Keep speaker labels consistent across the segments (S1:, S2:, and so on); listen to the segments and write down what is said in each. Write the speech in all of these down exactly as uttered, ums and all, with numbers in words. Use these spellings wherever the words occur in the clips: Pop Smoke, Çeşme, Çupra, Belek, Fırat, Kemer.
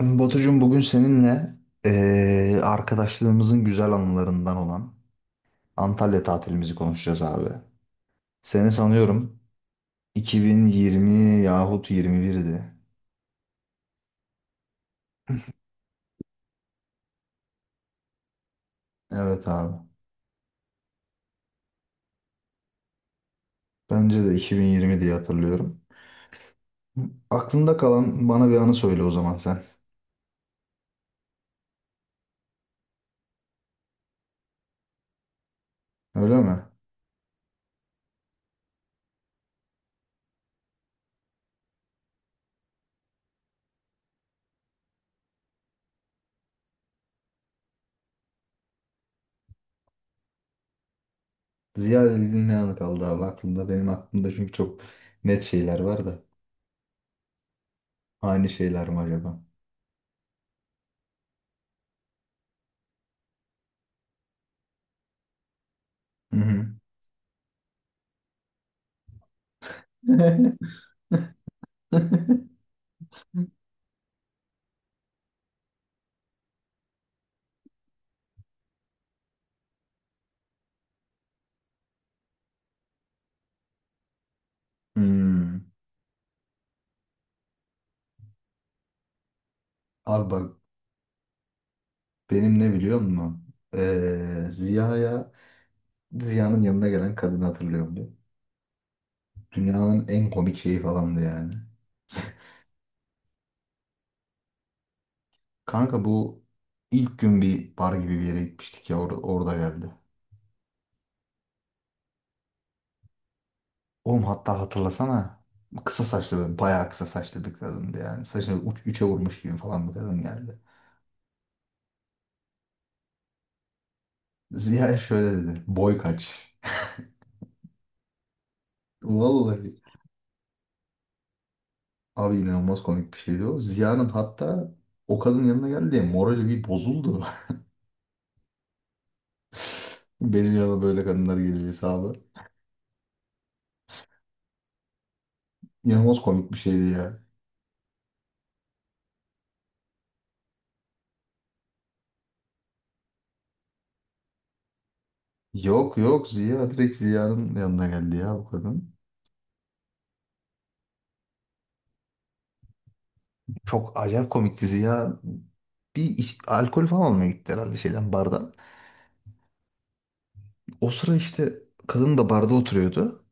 S1: Batucuğum bugün seninle eee, arkadaşlığımızın güzel anılarından olan Antalya tatilimizi konuşacağız abi. Seni sanıyorum iki bin yirmi yahut yirmi birdi. Evet abi. Bence de iki bin yirmi diye hatırlıyorum. Aklında kalan bana bir anı söyle o zaman sen. Öyle mi? Ziyaretin ne anı kaldı abi aklında? Benim aklımda çünkü çok net şeyler var da. Aynı şeyler mi acaba? Hı hı. Hmm. Abi bak benim ne biliyor musun? Ee, Ziya'ya, Ziya'nın yanına gelen kadını hatırlıyorum diyor. Dünyanın en komik şeyi falandı yani. Kanka bu ilk gün bir bar gibi bir yere gitmiştik ya or- orada geldi. Oğlum hatta hatırlasana kısa saçlı böyle bayağı kısa saçlı bir kadındı yani. Saçını uç, üçe vurmuş gibi falan bir kadın geldi. Ziya şöyle dedi. Boy kaç? Vallahi abi inanılmaz komik bir şeydi o. Ziya'nın hatta o kadının yanına geldi diye morali bir bozuldu. Benim yanıma böyle kadınlar geliyor hesabı. İnanılmaz komik bir şeydi ya. Yok yok Ziya direkt Ziya'nın yanına geldi ya bu kadın. Çok acayip komikti Ziya. Bir iç- alkol falan almaya gitti herhalde şeyden bardan. O sıra işte kadın da barda oturuyordu.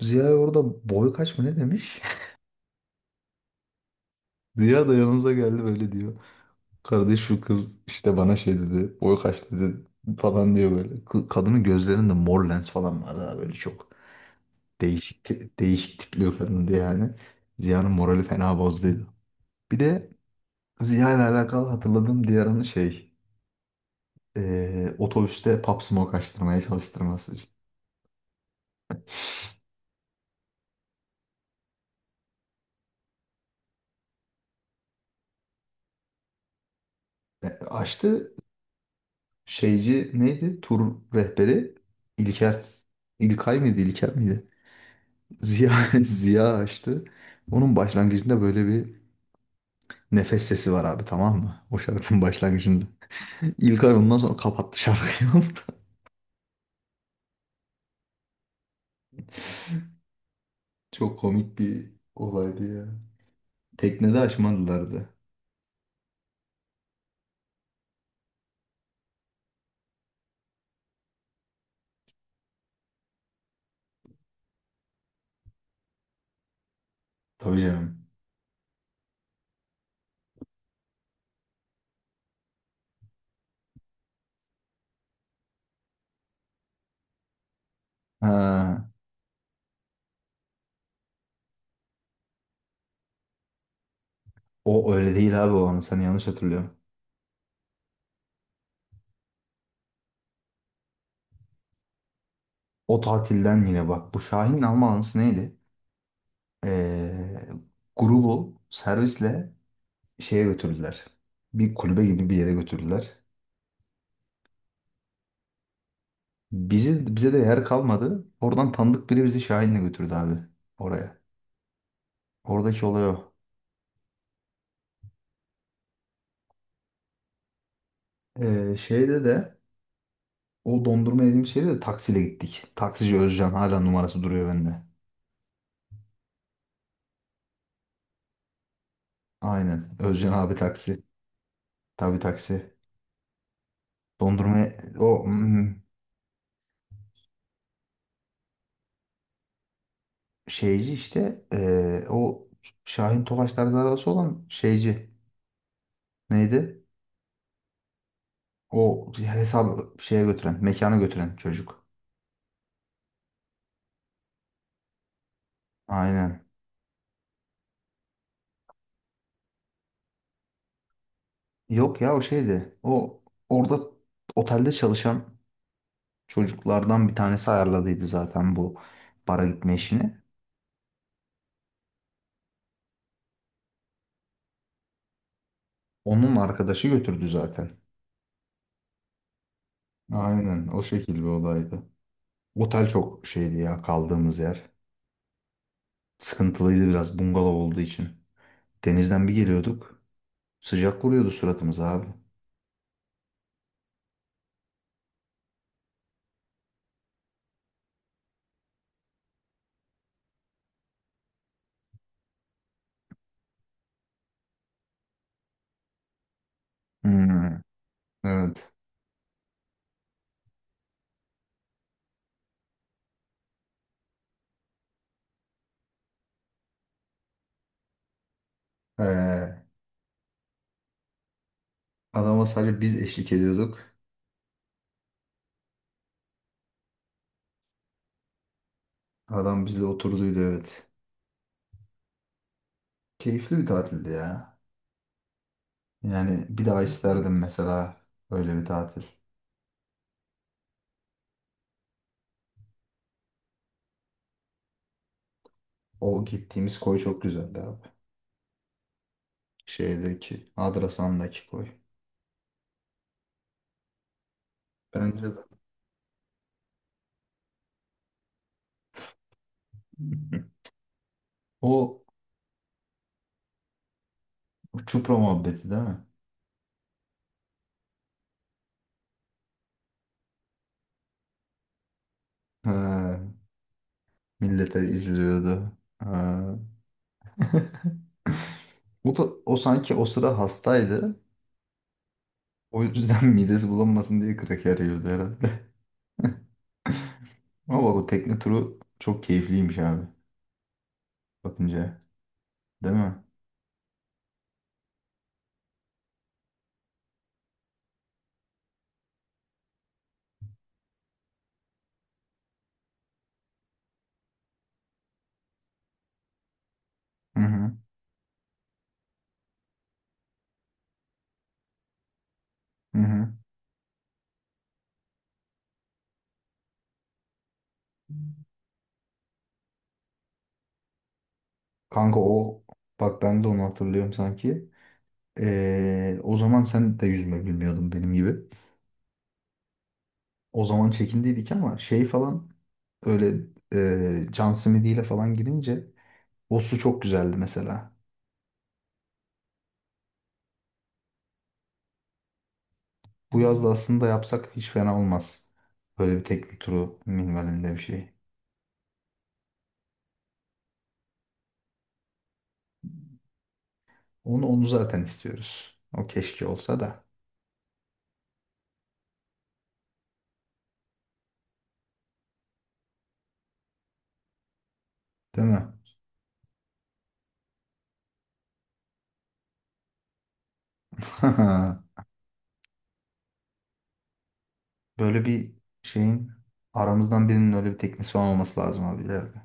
S1: Ziya orada boy kaç mı ne demiş? Ziya da yanımıza geldi böyle diyor. Kardeş şu kız işte bana şey dedi. Boy kaç dedi falan diyor böyle. Kı- Kadının gözlerinde mor lens falan vardı ha böyle çok. Değişik, ti- değişik tipli bir kadındı yani. Ziya'nın morali fena bozduydu. Bir de Ziya ile alakalı hatırladığım diğer anı şey. Eee, otobüste Pop Smoke açtırmaya çalıştırması işte. E, açtı şeyci neydi? Tur rehberi İlker. İlkay mıydı? İlker miydi? Ziya, Ziya açtı. Onun başlangıcında böyle bir nefes sesi var abi tamam mı? O şarkının başlangıcında. İlkay ondan sonra kapattı şarkıyı. Çok komik bir olaydı ya. Teknede açmadılardı. Tabii canım. Ha, o öyle değil abi o anı. Sen yanlış hatırlıyorsun. O tatilden yine bak. Bu Şahin'in alma anısı neydi? Ee, Grubu servisle şeye götürdüler. Bir kulübe gibi bir yere götürdüler. Bizi, bize de yer kalmadı. Oradan tanıdık biri bizi Şahin'le götürdü abi. Oraya. Oradaki olay o. Ee, şeyde de o dondurma yediğimiz şeyde de taksiyle gittik. Taksici Özcan hala numarası duruyor bende. Aynen. Özcan abi taksi. Tabii taksi. Dondurma o mm, şeyci işte eee, o Şahin Tofaş tarzı arabası olan şeyci. Neydi? O hesabı şeye götüren, mekana götüren çocuk. Aynen. Yok ya o şeydi. O orada otelde çalışan çocuklardan bir tanesi ayarladıydı zaten bu bara gitme işini. Onun arkadaşı götürdü zaten. Aynen o şekil bir olaydı. Otel çok şeydi ya kaldığımız yer. Sıkıntılıydı biraz bungalov olduğu için. Denizden bir geliyorduk. Sıcak vuruyordu suratımıza abi. Hmm, evet. Ee, Adama sadece biz eşlik ediyorduk. Adam bizle oturduydu evet. Keyifli bir tatildi ya. Yani bir daha isterdim mesela öyle bir tatil. O gittiğimiz koy çok güzeldi abi. Şeydeki, Adrasan'daki koy. Bence de. O Çupra muhabbeti değil mi? Ha, millete izliyordu. Ha. O da, o sanki o sıra hastaydı. O yüzden midesi bulanmasın diye kraker yiyordu herhalde. Ama bak o tekne turu çok keyifliymiş abi. Bakınca. Değil mi? Hı hı. Hı hı. Kanka o bak ben de onu hatırlıyorum sanki. Ee, o zaman sen de yüzme bilmiyordun benim gibi. O zaman çekindiydik ama şey falan öyle e, John Smith ile falan girince o su çok güzeldi mesela. Bu yaz da aslında yapsak hiç fena olmaz. Böyle bir tekne turu minvalinde bir şey. Onu onu zaten istiyoruz. O keşke olsa da, değil mi? Böyle bir şeyin aramızdan birinin öyle bir teknesi falan olması lazım abi ileride.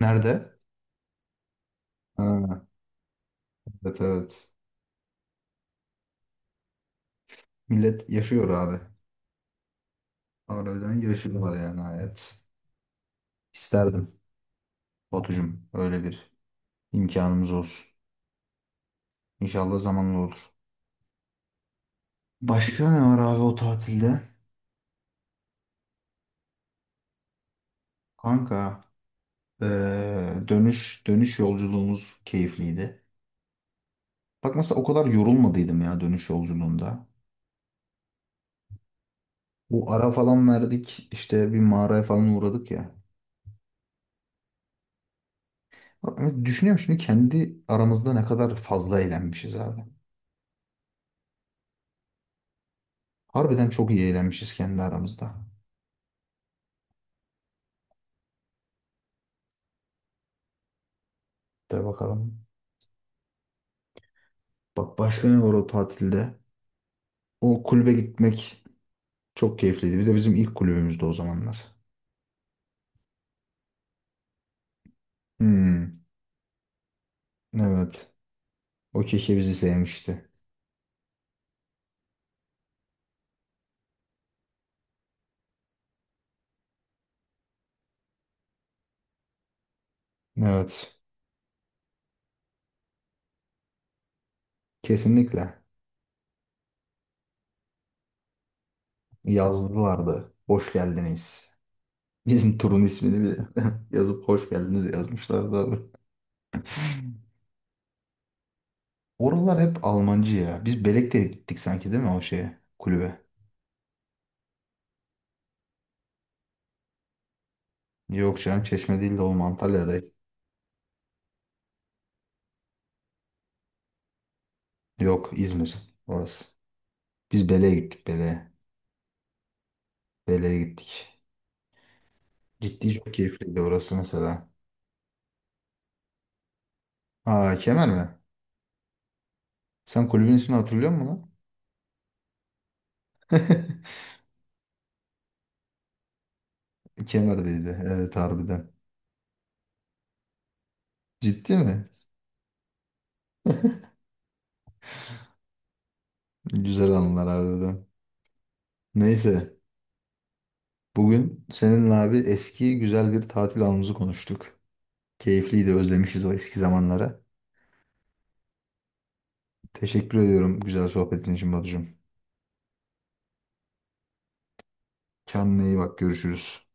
S1: Nerede? Ha, evet evet. Millet yaşıyor abi. Harbiden yaşıyorlar yani hayat. İsterdim Batucuğum öyle bir imkanımız olsun. İnşallah zamanla olur. Başka ne var abi o tatilde? Kanka eee, dönüş dönüş yolculuğumuz keyifliydi. Bak mesela o kadar yorulmadıydım ya dönüş yolculuğunda. Bu ara falan verdik işte bir mağaraya falan uğradık ya. Ama düşünüyorum şimdi kendi aramızda ne kadar fazla eğlenmişiz abi. Harbiden çok iyi eğlenmişiz kendi aramızda. De bakalım. Bak başka ne var o tatilde? O kulübe gitmek çok keyifliydi. Bir de bizim ilk kulübümüzdü o zamanlar. Hmm, evet. O kişi bizi sevmişti. Evet. Kesinlikle. Yazdılardı. Hoş geldiniz. Bizim turun ismini bir yazıp hoş geldiniz yazmışlardı abi. Oralar hep Almancı ya. Biz Belek'te gittik sanki değil mi o şeye kulübe? Yok canım Çeşme değil de oğlum Antalya'dayız. Yok İzmir orası. Biz Belek'e gittik Belek'e. Belek'e gittik. Ciddi çok keyifliydi orası mesela. Aa Kemer mi? Sen kulübün ismini hatırlıyor musun lan? Kemer'deydi. Evet harbiden. Ciddi mi? Güzel anılar harbiden. Neyse. Bugün seninle abi eski güzel bir tatil anımızı konuştuk. Keyifliydi özlemişiz o eski zamanları. Teşekkür ediyorum güzel sohbetin için Batucuğum. Kendine iyi bak görüşürüz.